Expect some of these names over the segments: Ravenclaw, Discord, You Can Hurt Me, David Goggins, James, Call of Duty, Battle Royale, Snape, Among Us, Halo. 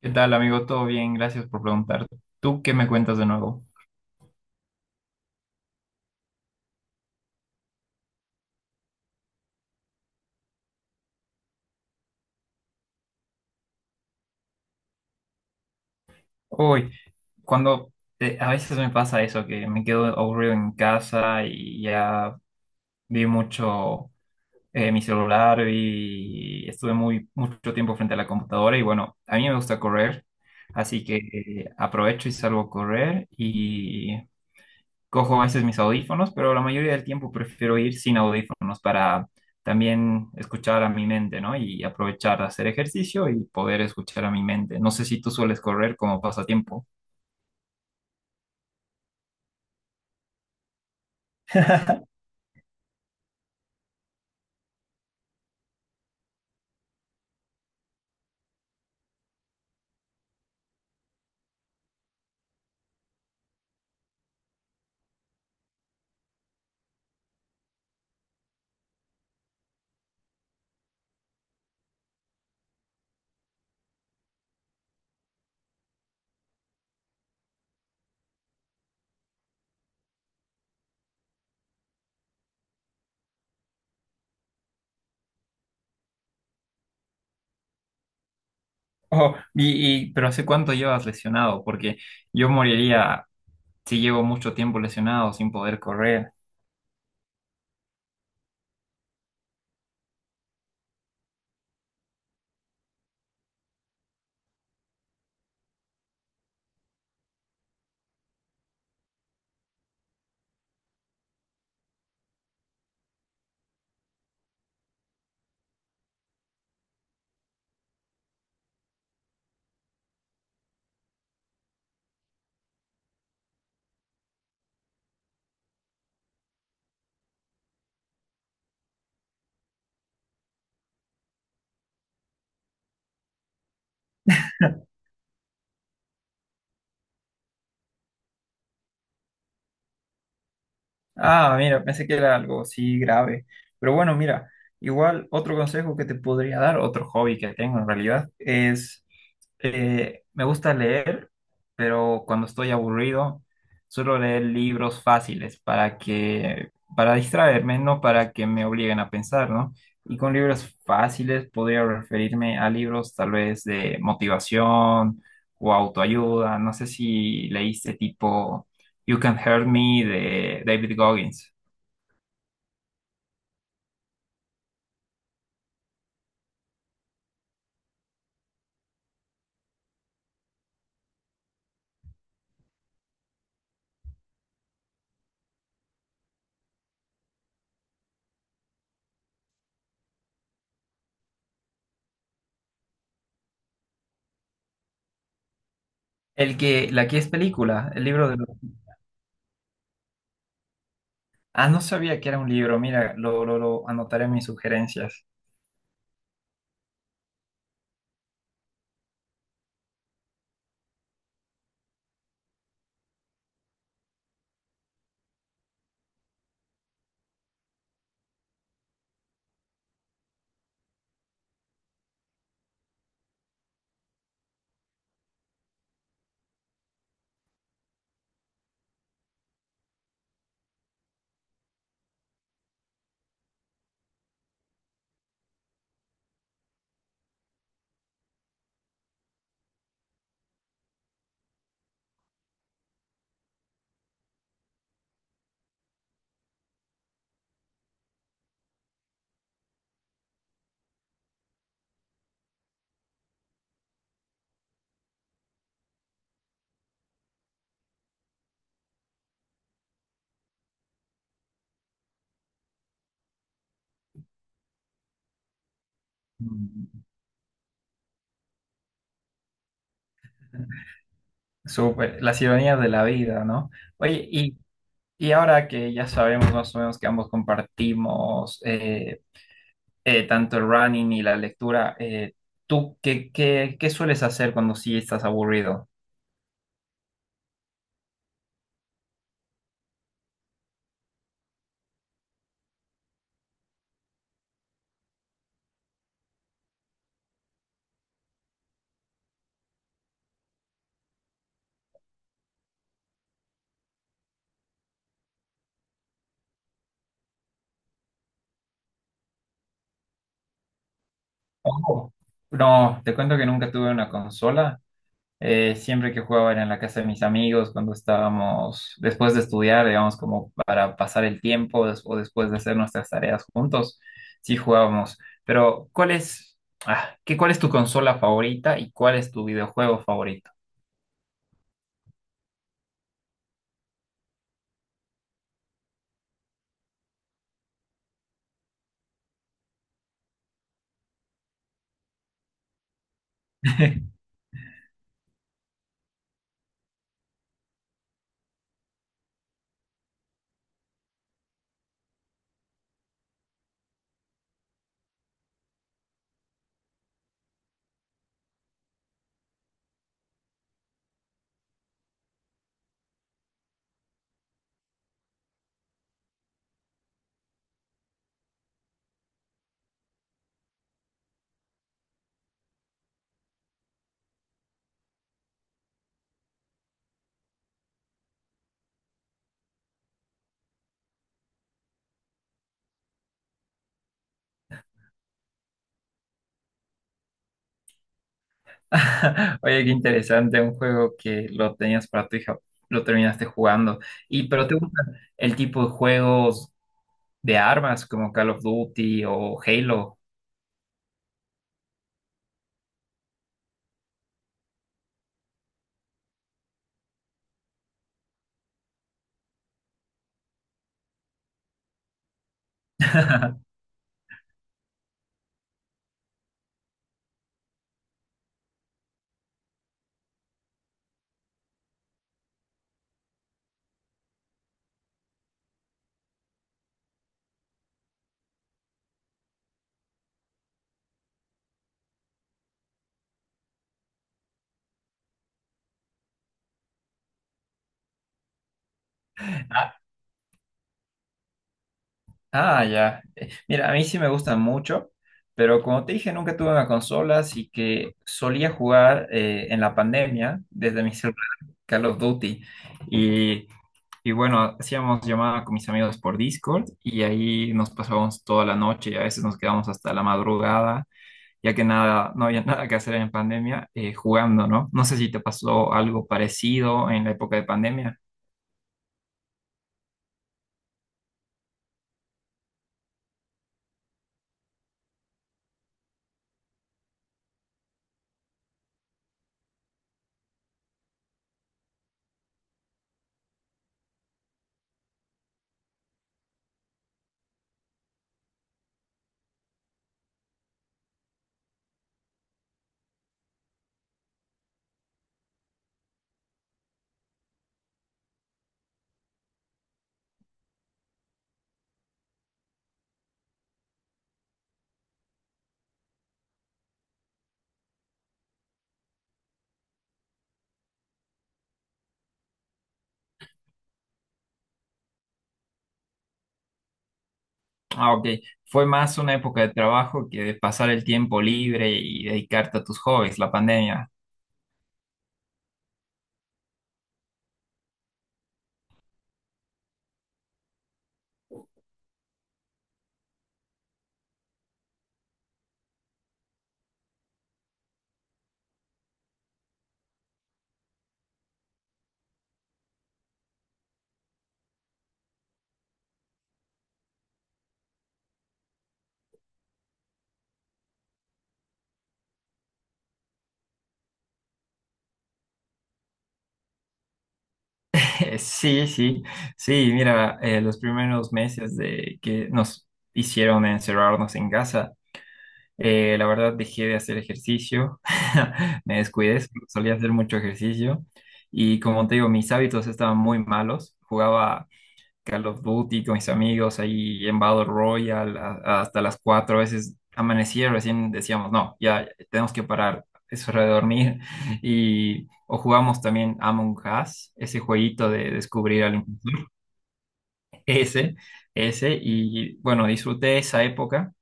¿Qué tal, amigo? ¿Todo bien? Gracias por preguntar. ¿Tú qué me cuentas de nuevo? Uy, cuando a veces me pasa eso, que me quedo aburrido en casa y ya vi mucho mi celular y estuve muy mucho tiempo frente a la computadora y bueno, a mí me gusta correr, así que aprovecho y salgo a correr y cojo a veces mis audífonos, pero la mayoría del tiempo prefiero ir sin audífonos para también escuchar a mi mente, ¿no? Y aprovechar de hacer ejercicio y poder escuchar a mi mente. No sé si tú sueles correr como pasatiempo. Oh, pero ¿hace cuánto llevas lesionado? Porque yo moriría si llevo mucho tiempo lesionado sin poder correr. Ah, mira, pensé que era algo así grave. Pero bueno, mira, igual otro consejo que te podría dar, otro hobby que tengo en realidad, es me gusta leer, pero cuando estoy aburrido, suelo leer libros fáciles para distraerme, no para que me obliguen a pensar, ¿no? Y con libros fáciles podría referirme a libros tal vez de motivación o autoayuda. No sé si leíste tipo You Can Hurt Me de David Goggins. El que, la que es película, el libro de... los- Ah, no sabía que era un libro. Mira, lo anotaré en mis sugerencias. Mm. Súper, las ironías de la vida, ¿no? Oye, y ahora que ya sabemos más o menos que ambos compartimos tanto el running y la lectura, ¿tú qué sueles hacer cuando sí estás aburrido? Ojo, no, te cuento que nunca tuve una consola. Siempre que jugaba era en la casa de mis amigos, cuando estábamos después de estudiar, digamos, como para pasar el tiempo des- o después de hacer nuestras tareas juntos, sí jugábamos. Pero, ¿cuál es tu consola favorita y cuál es tu videojuego favorito? Oye, qué interesante, un juego que lo tenías para tu hija, lo terminaste jugando. Y, pero ¿te gusta el tipo de juegos de armas como Call of Duty o Halo? Ah, Ah, ya. Mira, a mí sí me gustan mucho, pero como te dije, nunca tuve una consola, así que solía jugar en la pandemia desde mi celular Call of Duty. Y, y bueno, hacíamos llamada con mis amigos por Discord y ahí nos pasábamos toda la noche, a veces nos quedábamos hasta la madrugada, ya que nada, no había nada que hacer en pandemia jugando, ¿no? No sé si te pasó algo parecido en la época de pandemia. Ah, ok. Fue más una época de trabajo que de pasar el tiempo libre y dedicarte a tus hobbies, la pandemia. Sí, sí, sí, mira, los primeros meses de que nos hicieron encerrarnos en casa, la verdad dejé de hacer ejercicio, me descuidé, solía hacer mucho ejercicio y como te digo, mis hábitos estaban muy malos, jugaba Call of Duty con mis amigos ahí en Battle Royale a- hasta las 4 a veces amanecía, recién decíamos, no, ya tenemos que parar, es hora de dormir. Y, o jugamos también Among Us, ese jueguito de descubrir al impostor, ese, y bueno, disfruté esa época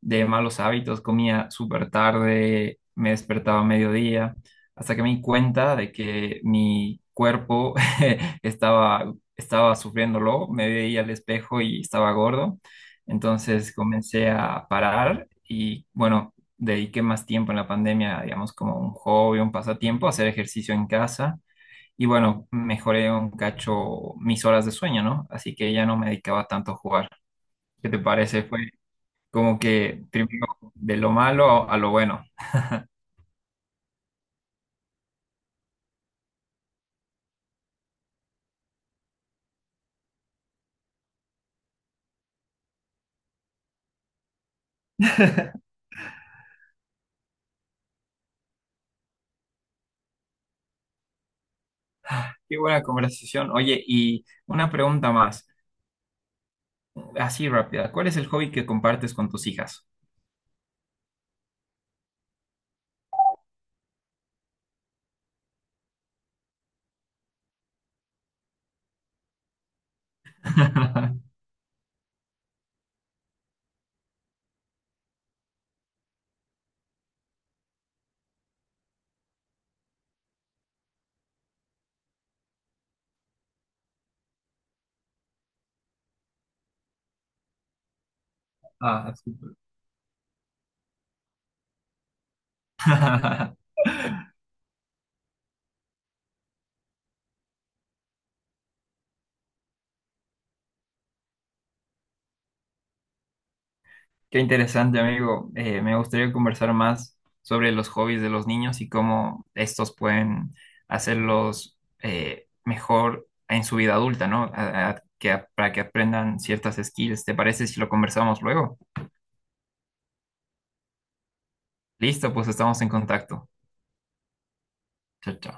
de malos hábitos, comía súper tarde, me despertaba a mediodía, hasta que me di cuenta de que mi cuerpo estaba sufriéndolo, me veía al espejo y estaba gordo, entonces comencé a parar y bueno, dediqué más tiempo en la pandemia, digamos, como un hobby, un pasatiempo, hacer ejercicio en casa. Y bueno, mejoré un cacho mis horas de sueño, ¿no? Así que ya no me dedicaba tanto a jugar. ¿Qué te parece? Como que primero de lo malo a lo bueno. Qué buena conversación. Oye, y una pregunta más, así rápida. ¿Cuál es el hobby que compartes con tus hijas? Ah, súper. Qué interesante, amigo. Me gustaría conversar más sobre los hobbies de los niños y cómo estos pueden hacerlos mejor en su vida adulta, ¿no? Para que aprendan ciertas skills. ¿Te parece si lo conversamos luego? Listo, pues estamos en contacto. Chao, chao.